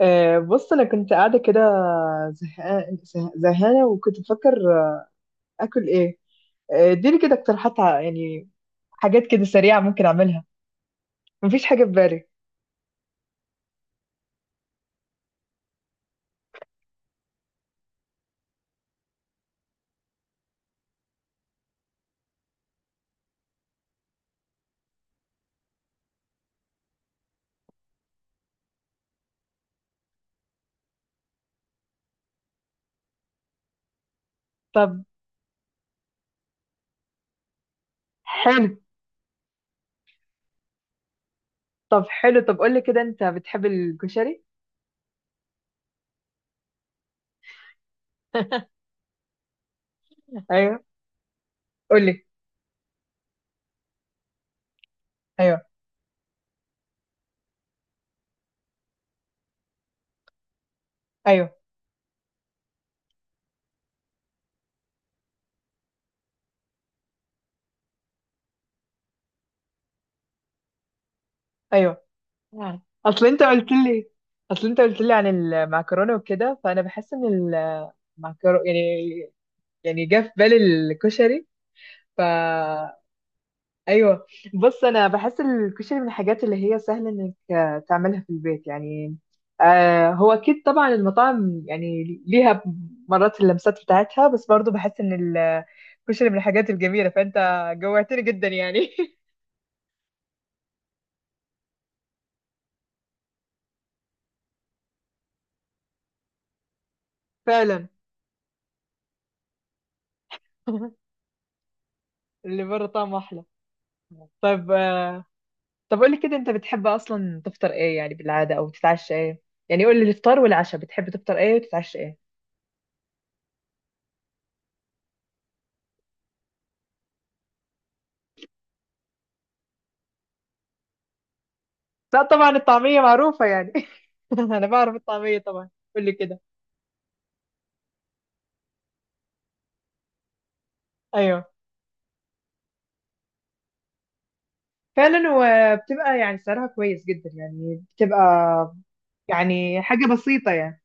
بص انا كنت قاعده كده، زهقانه زهقانه وكنت بفكر اكل ايه؟ اديني كده اقتراحات يعني حاجات كده سريعه ممكن اعملها، مفيش حاجه في بالي. طب حلو. طب قول لي كده، انت بتحب الكشري؟ ايوه، قول لي. ايوه، ايوه، ايوه. آه. اصل انت قلت لي عن المعكرونه وكده، فانا بحس ان المعكرونه يعني، جه في بالي الكشري. ف ايوه. بص انا بحس الكشري من الحاجات اللي هي سهل انك تعملها في البيت يعني. هو اكيد طبعا المطاعم يعني ليها مرات اللمسات بتاعتها، بس برضو بحس ان الكشري من الحاجات الجميله، فانت جوعتني جدا يعني. فعلا. اللي بره طعمه احلى. طب آه طب قولي كده، انت بتحب اصلا تفطر ايه يعني بالعاده، او تتعشى ايه؟ يعني قولي الافطار والعشاء، بتحب تفطر ايه وتتعشى ايه؟ لا طبعا الطعميه معروفه يعني. انا بعرف الطعميه طبعا. قولي كده. ايوه فعلا، وبتبقى يعني سعرها كويس جدا يعني، بتبقى يعني حاجة بسيطة يعني.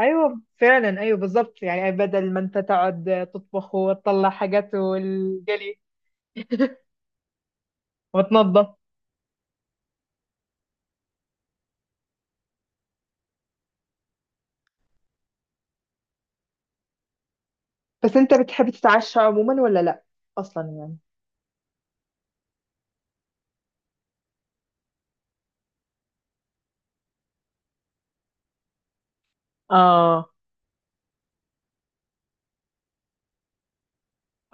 ايوه فعلا، ايوه بالظبط، يعني بدل ما انت تقعد تطبخ وتطلع حاجات والجلي. وتنظف. بس انت بتحب تتعشى عموما ولا لا، اصلا يعني؟ اه.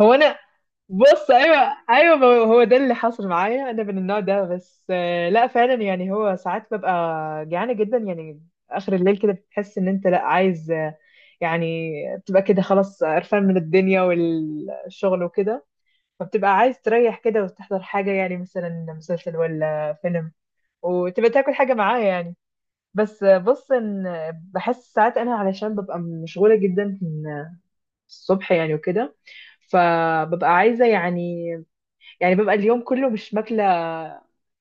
هو انا، بص، ايوه. ايوه ما هو ده اللي حصل معايا، انا من النوع ده. بس لا فعلا يعني، هو ساعات ببقى جعانه جدا يعني، اخر الليل كده بتحس ان انت لا عايز يعني، بتبقى كده خلاص قرفان من الدنيا والشغل وكده، فبتبقى عايز تريح كده وتحضر حاجه، يعني مثلا مسلسل ولا فيلم، وتبقى تاكل حاجه معاه يعني. بس بص ان، بحس ساعات انا علشان ببقى مشغوله جدا من الصبح يعني وكده، فببقى عايزه يعني، ببقى اليوم كله مش ماكلة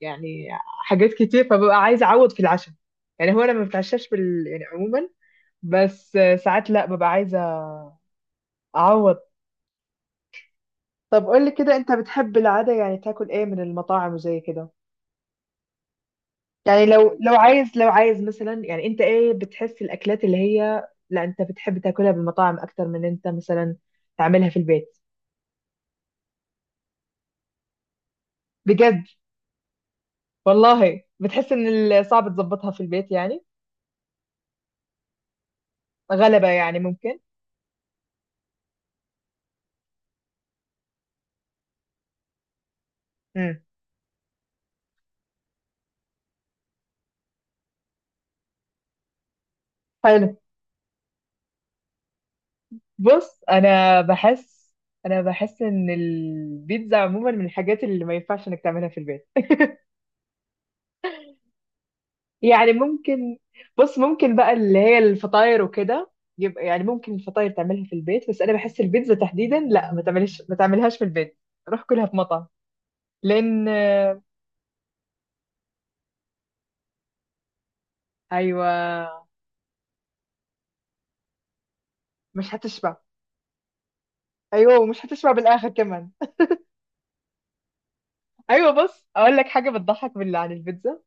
يعني حاجات كتير، فببقى عايزة أعوض في العشاء. يعني هو أنا ما بتعشاش يعني عموما، بس ساعات لا، ببقى عايزة أعوض. طب قولي كده، أنت بتحب العادة يعني تاكل إيه من المطاعم وزي كده؟ يعني لو عايز مثلا، يعني أنت إيه بتحس الأكلات اللي هي لا، أنت بتحب تاكلها بالمطاعم أكتر من أنت مثلا تعملها في البيت؟ بجد؟ والله بتحس إن صعب تظبطها في البيت يعني، غلبة يعني ممكن. امم حلو. بص انا بحس، ان البيتزا عموما من الحاجات اللي ما ينفعش انك تعملها في البيت. يعني ممكن، بص ممكن بقى اللي هي الفطاير وكده، يبقى يعني ممكن الفطاير تعملها في البيت، بس انا بحس البيتزا تحديدا لا، ما تعملهاش في البيت، روح كلها في مطعم، لان ايوه مش هتشبع. ايوه ومش هتشبع بالاخر كمان. ايوه بص اقول لك حاجه بتضحك بالله عن البيتزا.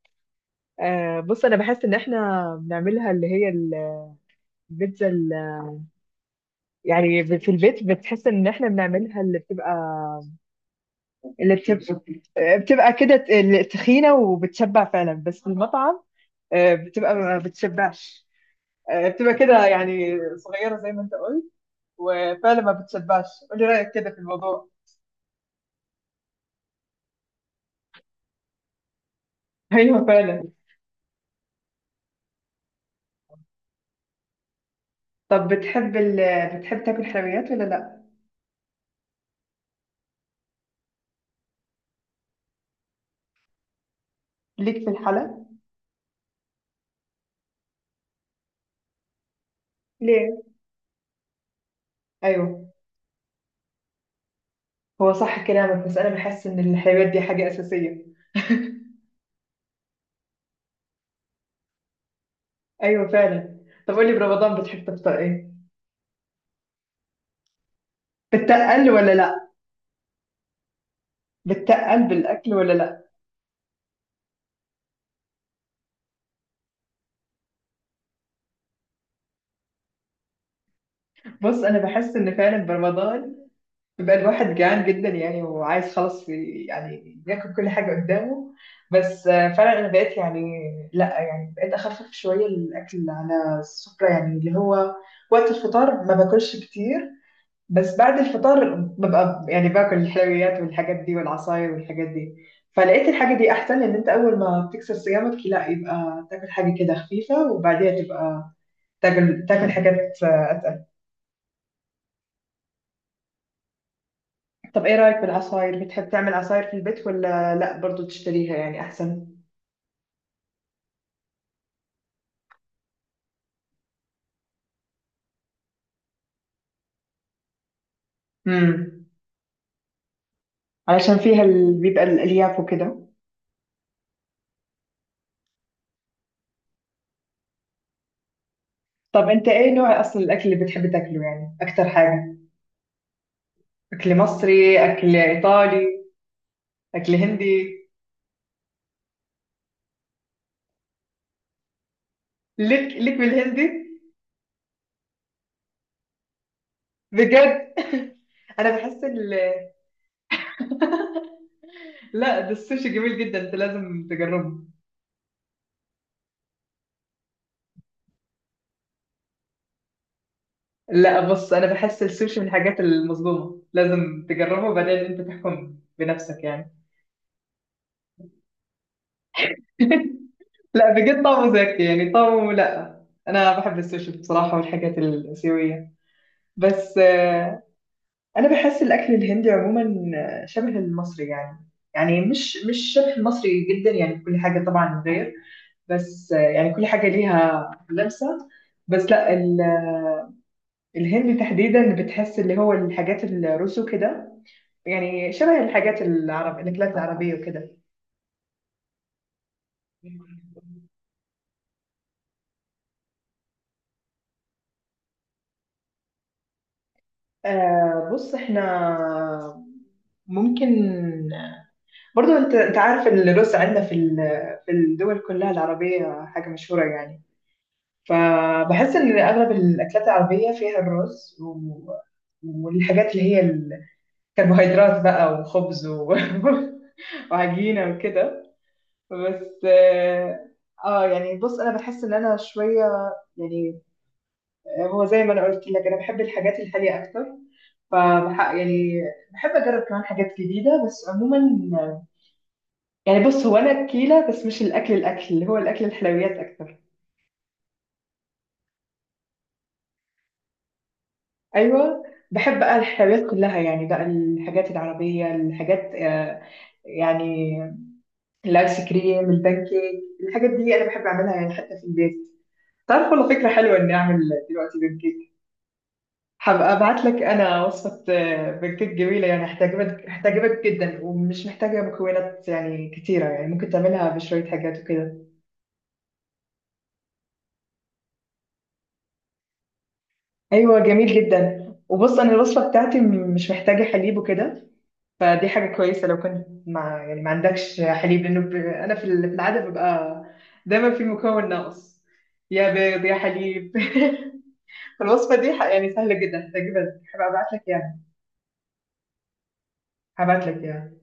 بص انا بحس ان احنا بنعملها، اللي هي البيتزا يعني، في البيت بتحس ان احنا بنعملها اللي بتبقى اللي بتبقى بتبقى كده، اللي تخينة وبتشبع فعلا، بس في المطعم بتبقى ما بتشبعش، بتبقى كده يعني صغيرة زي ما انت قلت، وفعلا ما بتشبعش. قولي رأيك كده في الموضوع. ايوه فعلا. طب بتحب تاكل حلويات ولا لا؟ ليك في الحلا؟ ليه؟ ايوه، هو صح كلامك، بس انا بحس ان الحلويات دي حاجة أساسية. ايوه فعلا. طب قولي، برمضان بتحب تفطر ايه؟ بتقل ولا لأ؟ بتقل بالأكل ولا لأ؟ بُص أنا باحس إن فعلًا برمضان بيبقى الواحد جعان جدًا يعني، وعايز خلاص يعني ياكل كل حاجة قدّامه، بس فعلًا أنا بقيت يعني لأ، بقيت أخفِّف شوية الأكل على السُّفرة، يعني اللي هو وقت الفطار ما باكلش كتير، بس بعد الفطار بابقى يعني باكل الحلويات والحاجات دي والعصاير والحاجات دي، فلقيت الحاجة دي أحسن، لإن أنت أول ما تكسر صيامك لأ، يبقى تاكل حاجة كده خفيفة وبعديها تبقى تاكل حاجات اتقل. طب ايه رايك بالعصاير؟ بتحب تعمل عصاير في البيت ولا لا، برضو تشتريها يعني احسن؟ امم علشان فيها بيبقى الالياف وكده. طب انت ايه نوع اصلا الاكل اللي بتحب تاكله يعني، اكتر حاجه، اكل مصري، اكل ايطالي، اكل هندي؟ ليك بالهندي؟ بجد؟ انا بحس لا، ده السوشي جميل جدا، انت لازم تجربه. لا بص، انا بحس السوشي من الحاجات المظلومه، لازم تجربه وبعدين انت تحكم بنفسك يعني. لا بجد طعمه زاكي يعني، طعمه لا، انا بحب السوشي بصراحه والحاجات الاسيويه. بس انا بحس الاكل الهندي عموما شبه المصري يعني، يعني مش شبه المصري جدا يعني، كل حاجه طبعا غير، بس يعني كل حاجه ليها لمسه، بس لا الهندي تحديدا بتحس اللي هو الحاجات الرسو كده، يعني شبه الحاجات العرب الأكلات العربية وكده. بص احنا ممكن برضو، انت عارف ان الرز عندنا في الدول كلها العربية حاجة مشهورة يعني، فبحس ان اغلب الاكلات العربية فيها الرز و... والحاجات اللي هي الكربوهيدرات بقى وخبز و... وعجينة وكده. بس اه، يعني بص انا بحس ان انا شوية يعني، هو زي ما انا قلت لك انا بحب الحاجات الحاليه اكتر، يعني بحب اجرب كمان حاجات جديده. بس عموما يعني بص، هو انا اكيله، بس مش الاكل، الاكل اللي هو الاكل الحلويات اكتر. ايوه. بحب بقى الحلويات كلها يعني، بقى الحاجات العربيه، الحاجات يعني الايس كريم، البانكيك، الحاجات دي انا بحب اعملها يعني حتى في البيت. تعرف والله فكره حلوه اني اعمل دلوقتي بانكيك. هبقى ابعت لك انا وصفه بنكيك جميله يعني، هتعجبك، هتعجبك جدا ومش محتاجه مكونات يعني كتيره، يعني ممكن تعملها بشويه حاجات وكده. ايوه جميل جدا. وبص انا الوصفه بتاعتي مش محتاجه حليب وكده، فدي حاجه كويسه لو كنت مع، يعني ما عندكش حليب، لانه انا في العاده ببقى دايما في مكون ناقص، يا بيض يا حليب. الوصفه دي يعني سهله جدا، هتعجبك، هبقى ابعت لك اياها، هبعت لك اياها.